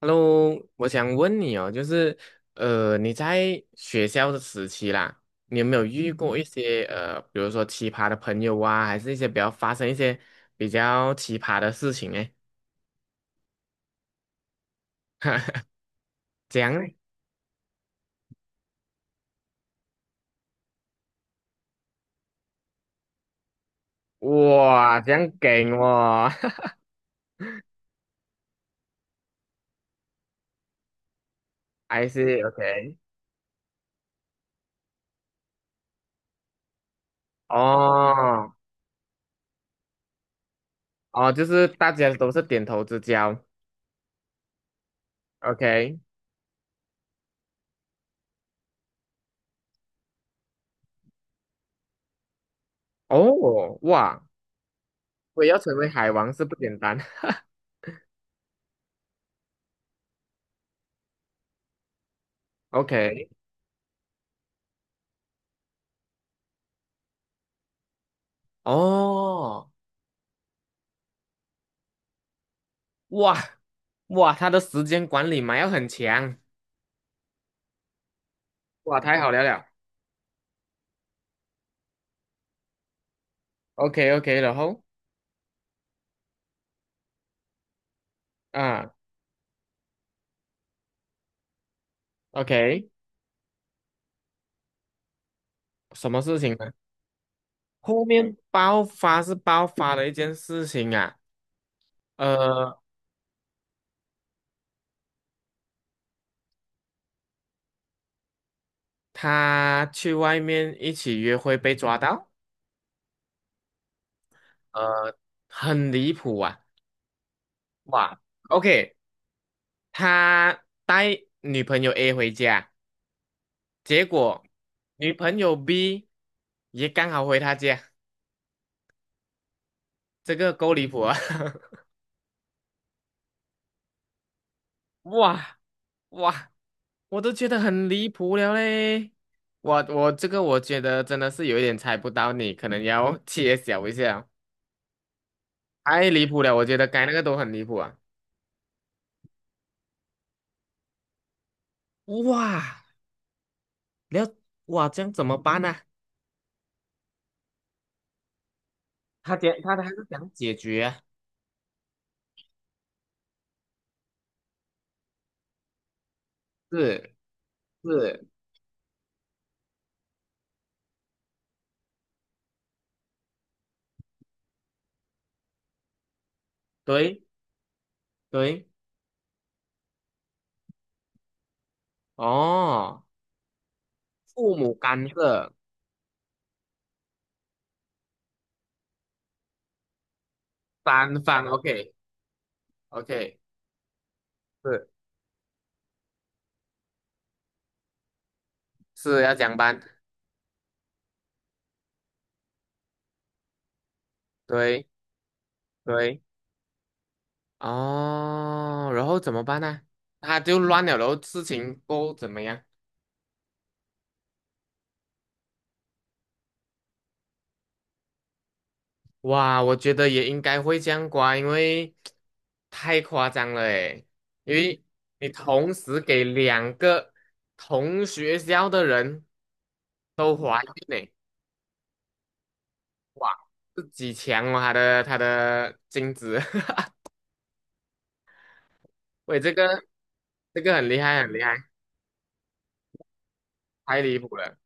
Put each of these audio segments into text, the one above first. Hello，我想问你哦，就是你在学校的时期啦，你有没有遇过一些比如说奇葩的朋友啊，还是一些比较发生一些比较奇葩的事情呢？这样，哇，这样给我 ，I see OK，哦哦，就是大家都是点头之交，OK，哦，哇，我也要成为海王是不简单 ，OK，哦。哇哇，他的时间管理嘛要很强，哇，太好了。OK OK，然后啊，OK，什么事情呢？后面爆发是爆发了一件事情啊，呃，他去外面一起约会被抓到，呃，很离谱啊，哇，OK，他带女朋友 A 回家，结果女朋友 B 也刚好回他家，这个够离谱啊，哇哇。我都觉得很离谱了嘞。我这个我觉得真的是有一点猜不到你，可能要揭晓一下，太离谱了，我觉得该那个都很离谱啊。哇，了哇，这样怎么办呢？他是想解决啊是是，对对，哦，父母干涉三方，OK OK，是是要讲班，对对。哦，然后怎么办呢？他就乱了，然后事情够怎么样？哇，我觉得也应该会这样刮，因为太夸张了诶，因为你同时给两个同学校的人都怀孕呢，哇，自己强哦，他的精子，喂，这个很厉害，很厉害，太离谱了，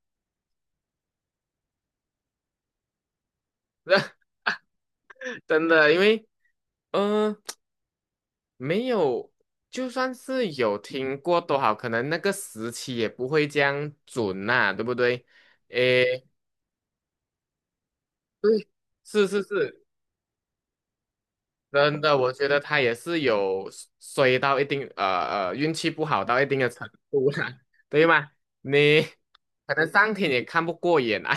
真的，因为嗯。没有，就算是有听过都好，可能那个时期也不会这样准呐，对不对？诶，对，是是是，真的，我觉得他也是有衰到一定，运气不好到一定的程度啦，对吗？你可能上天也看不过眼啊，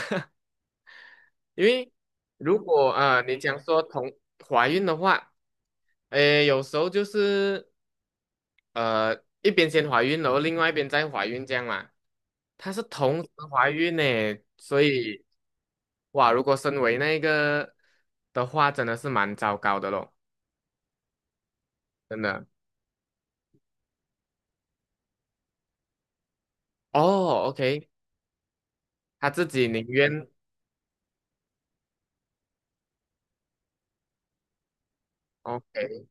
因为如果你讲说同怀孕的话，诶，有时候就是。呃，一边先怀孕，然后另外一边再怀孕这样嘛。她是同时怀孕呢，所以哇，如果身为那个的话，真的是蛮糟糕的咯，真的。哦，OK，她自己宁愿 OK，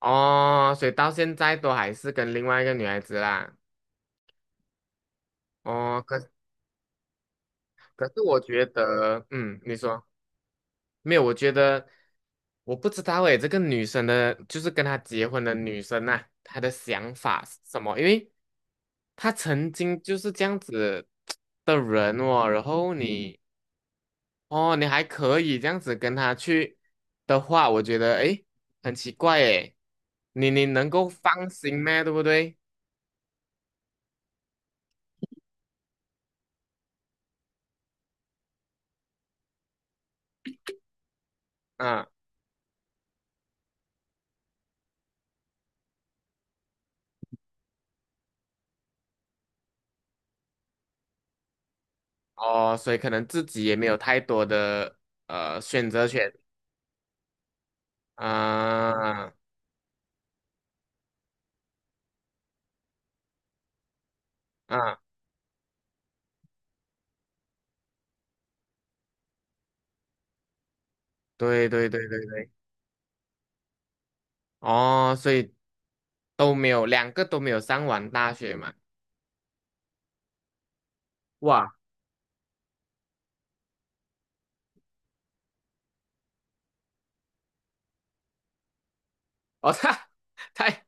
哦，所以到现在都还是跟另外一个女孩子啦。哦，可是我觉得，嗯，你说。没有，我觉得我不知道诶，这个女生的，就是跟她结婚的女生呐，她的想法是什么？因为她曾经就是这样子的人哦，然后你哦，你还可以这样子跟她去的话，我觉得诶，很奇怪诶，你能够放心咩？对不对？嗯，哦，所以可能自己也没有太多的选择权啊啊，对对对对对。哦，所以都没有，两个都没有上完大学嘛。哇，我操，太太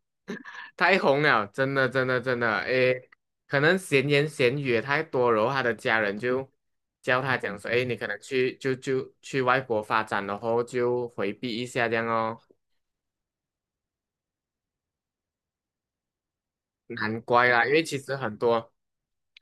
太红了，真的真的真的，诶，可能闲言闲语也太多，然后他的家人就教他讲说，诶，你可能去就去外国发展，然后就回避一下这样哦。难怪啦，因为其实很多。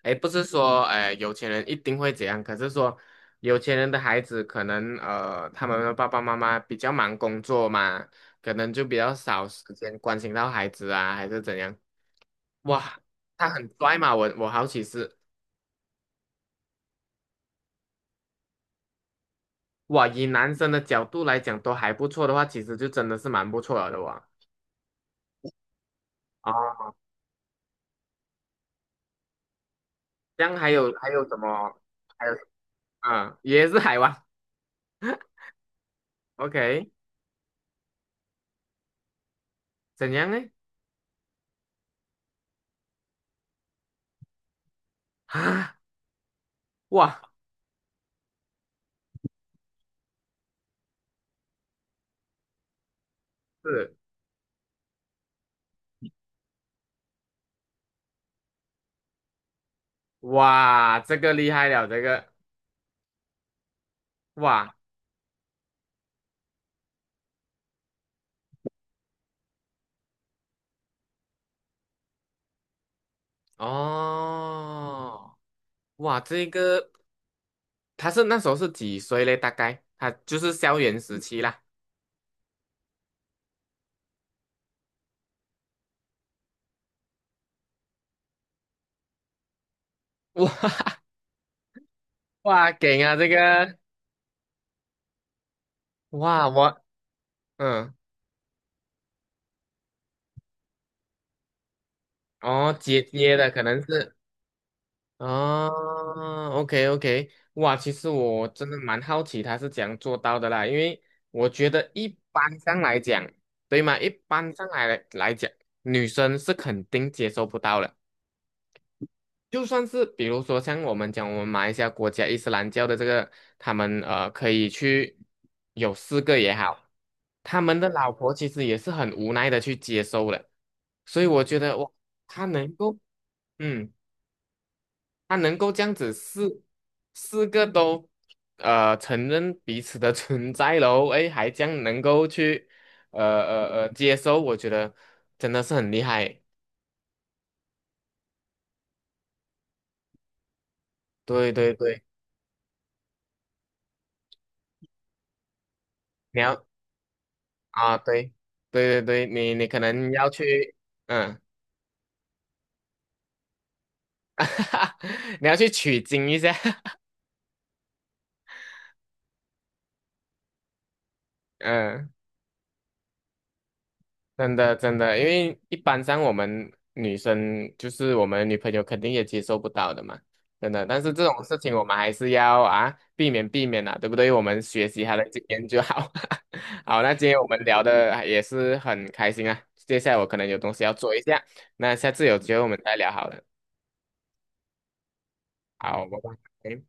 哎，不是说哎有钱人一定会怎样，可是说有钱人的孩子可能，他们的爸爸妈妈比较忙工作嘛，可能就比较少时间关心到孩子啊，还是怎样？哇，他很拽嘛，我好奇是哇，以男生的角度来讲都还不错的话，其实就真的是蛮不错了的哇。哦，这样还有还有什么？还有啊，嗯也是海王，OK，怎样呢？啊，哇，是哇，这个厉害了，这个哇。哦，哇，这个他是那时候是几岁嘞？大概他就是校园时期啦。哇 哇，给啊这个，哇我嗯，哦姐姐的可能是哦，OK OK，哇，其实我真的蛮好奇他是怎样做到的啦，因为我觉得一般上来讲，对吗？一般上来讲，女生是肯定接受不到的。就算是比如说像我们讲我们马来西亚国家伊斯兰教的这个，他们可以去有四个也好，他们的老婆其实也是很无奈的去接受了，所以我觉得哇，他能够嗯，他能够这样子四个都承认彼此的 存在喽，诶，还将能够去接受，我觉得真的是很厉害，对对对，你要。啊，对，对对对，你可能要去，嗯，你要去取经一下，嗯，真的真的，因为一般上我们女生就是我们女朋友肯定也接受不到的嘛，真的。但是这种事情我们还是要啊避免避免啊，对不对？我们学习她的经验就好。好，那今天我们聊的也是很开心啊，接下来我可能有东西要做一下，那下次有机会我们再聊好了。好，拜拜。